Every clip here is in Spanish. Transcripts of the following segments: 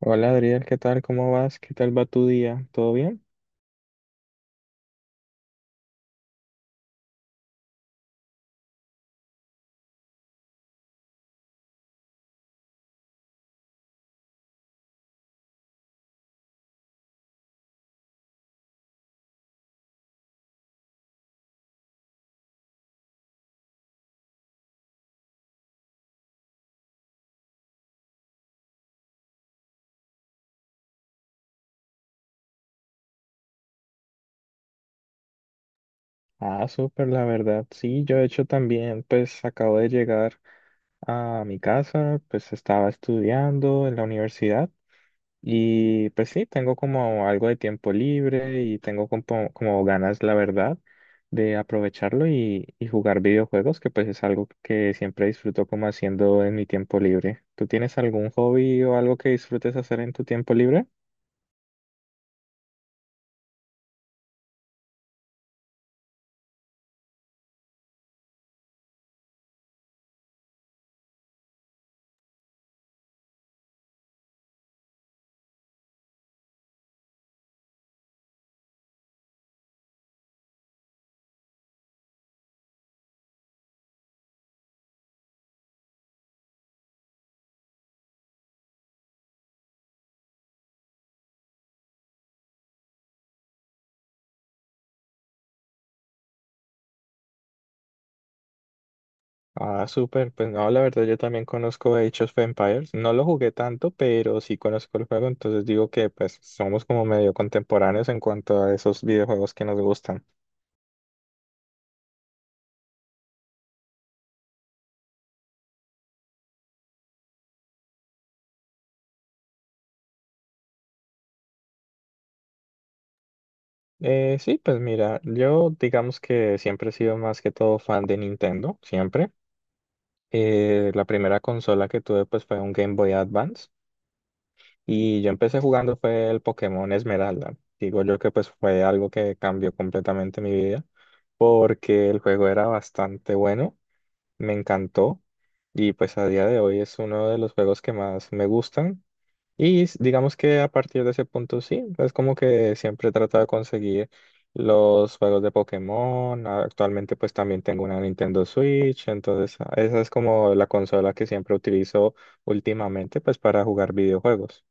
Hola Adriel, ¿qué tal? ¿Cómo vas? ¿Qué tal va tu día? ¿Todo bien? Ah, súper, la verdad. Sí, yo de hecho también, pues acabo de llegar a mi casa, pues estaba estudiando en la universidad y pues sí, tengo como algo de tiempo libre y tengo como, como ganas, la verdad, de aprovecharlo y jugar videojuegos, que pues es algo que siempre disfruto como haciendo en mi tiempo libre. ¿Tú tienes algún hobby o algo que disfrutes hacer en tu tiempo libre? Ah, súper. Pues no, la verdad yo también conozco Age of Empires. No lo jugué tanto, pero sí conozco el juego, entonces digo que pues somos como medio contemporáneos en cuanto a esos videojuegos que nos gustan. Sí, pues mira, yo digamos que siempre he sido más que todo fan de Nintendo, siempre. La primera consola que tuve pues fue un Game Boy Advance y yo empecé jugando fue el Pokémon Esmeralda. Digo yo que pues fue algo que cambió completamente mi vida porque el juego era bastante bueno. Me encantó y pues a día de hoy es uno de los juegos que más me gustan. Digamos que a partir de ese punto sí, es como que siempre trato de conseguir los juegos de Pokémon. Actualmente pues también tengo una Nintendo Switch, entonces ah, esa es como la consola que siempre utilizo últimamente pues para jugar videojuegos.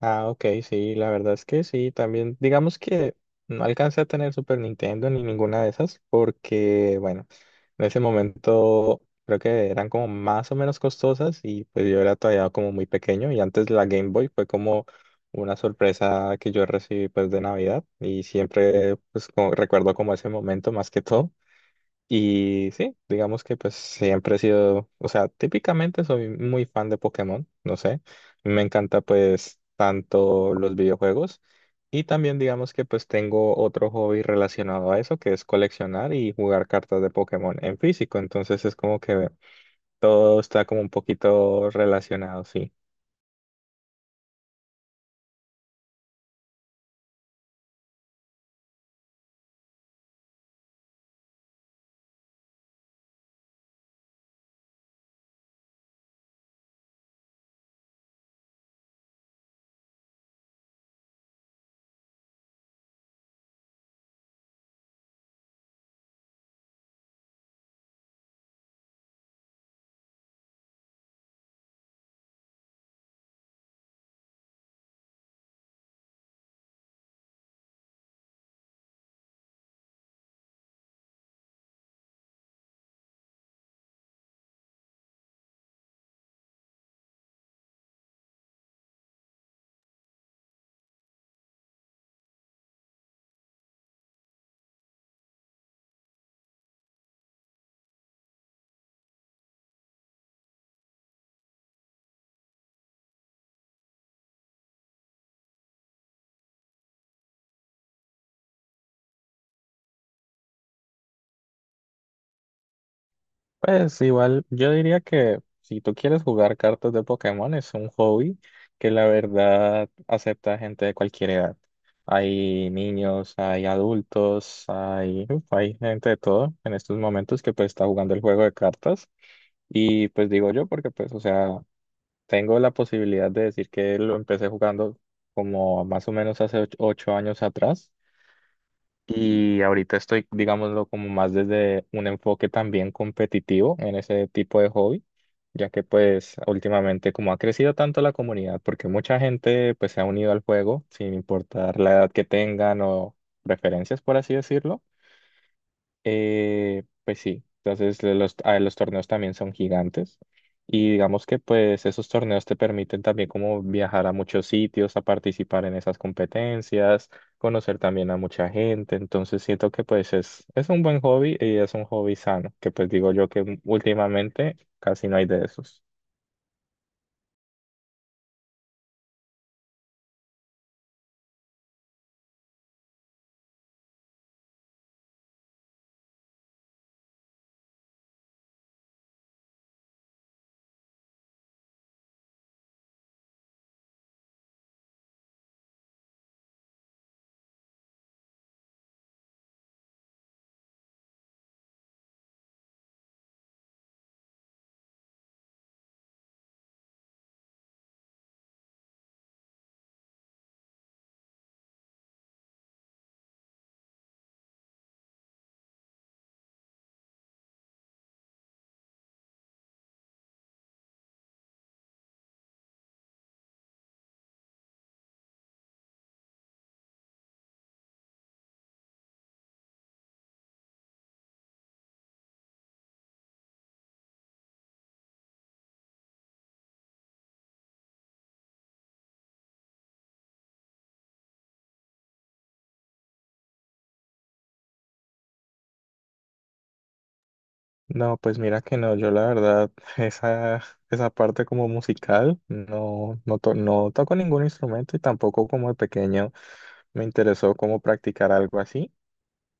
Ah, ok, sí, la verdad es que sí, también digamos que no alcancé a tener Super Nintendo ni ninguna de esas porque, bueno, en ese momento creo que eran como más o menos costosas y pues yo era todavía como muy pequeño y antes la Game Boy fue como una sorpresa que yo recibí pues de Navidad y siempre recuerdo como ese momento más que todo. Y sí, digamos que pues siempre he sido, o sea, típicamente soy muy fan de Pokémon, no sé, me encanta pues tanto los videojuegos y también digamos que pues tengo otro hobby relacionado a eso que es coleccionar y jugar cartas de Pokémon en físico, entonces es como que todo está como un poquito relacionado, sí. Pues igual, yo diría que si tú quieres jugar cartas de Pokémon es un hobby que la verdad acepta gente de cualquier edad. Hay niños, hay adultos, hay, uf, hay gente de todo en estos momentos que pues está jugando el juego de cartas. Y pues digo yo porque pues, o sea, tengo la posibilidad de decir que lo empecé jugando como más o menos hace 8 años atrás. Y ahorita estoy, digámoslo, como más desde un enfoque también competitivo en ese tipo de hobby, ya que pues últimamente como ha crecido tanto la comunidad, porque mucha gente pues se ha unido al juego sin importar la edad que tengan o preferencias, por así decirlo. Pues sí, entonces los torneos también son gigantes y digamos que pues esos torneos te permiten también como viajar a muchos sitios, a participar en esas competencias, conocer también a mucha gente, entonces siento que pues es un buen hobby y es un hobby sano, que pues digo yo que últimamente casi no hay de esos. No, pues mira que no, yo la verdad, esa, esa parte como musical, no, no, no toco ningún instrumento y tampoco como de pequeño. Me interesó cómo practicar algo así,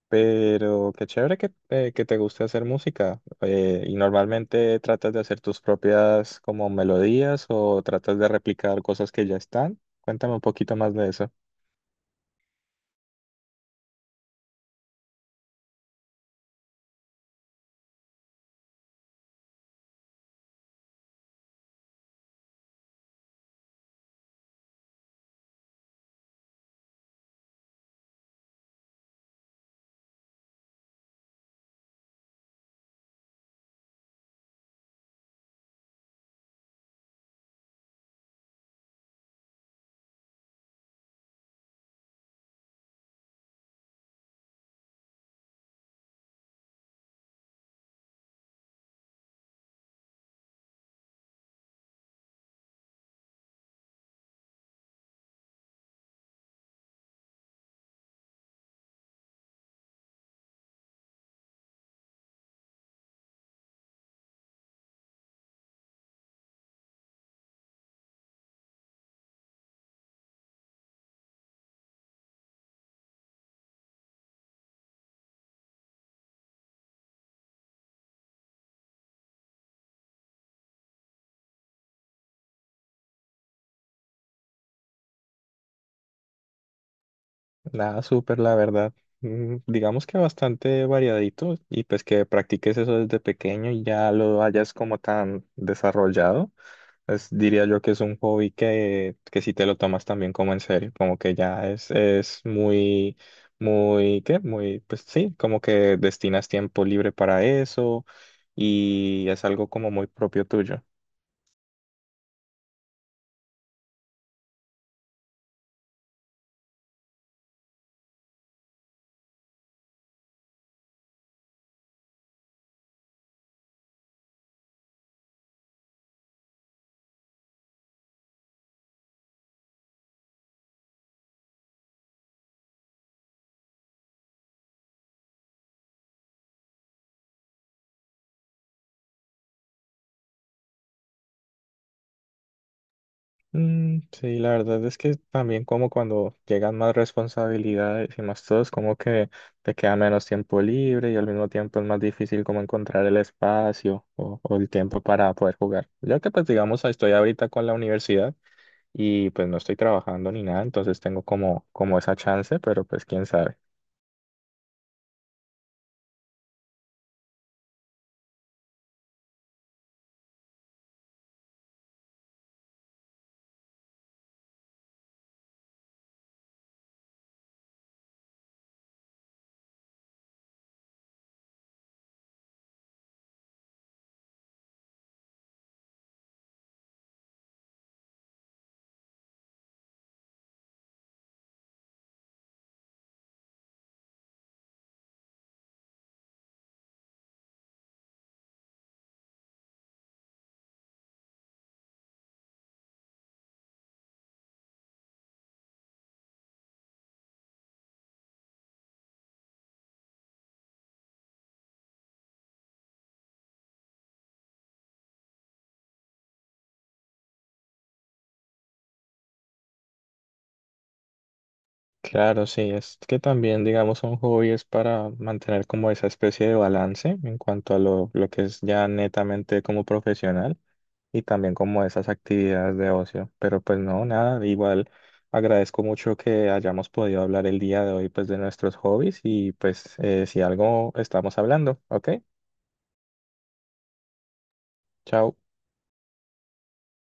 pero qué chévere que te guste hacer música. ¿Y normalmente tratas de hacer tus propias como melodías o tratas de replicar cosas que ya están? Cuéntame un poquito más de eso. Nada, súper, la verdad. Digamos que bastante variadito y pues que practiques eso desde pequeño y ya lo hayas como tan desarrollado. Pues diría yo que es un hobby que si te lo tomas también como en serio, como que ya es muy, muy, ¿qué? Muy, pues sí, como que destinas tiempo libre para eso y es algo como muy propio tuyo. Sí, la verdad es que también como cuando llegan más responsabilidades y más todo, es como que te queda menos tiempo libre y al mismo tiempo es más difícil como encontrar el espacio o el tiempo para poder jugar. Ya que pues digamos estoy ahorita con la universidad y pues no estoy trabajando ni nada, entonces tengo como, como esa chance, pero pues quién sabe. Claro, sí, es que también, digamos, son hobbies para mantener como esa especie de balance en cuanto a lo que es ya netamente como profesional y también como esas actividades de ocio. Pero pues no, nada, igual agradezco mucho que hayamos podido hablar el día de hoy pues de nuestros hobbies y pues si algo estamos hablando, ¿ok? Chao.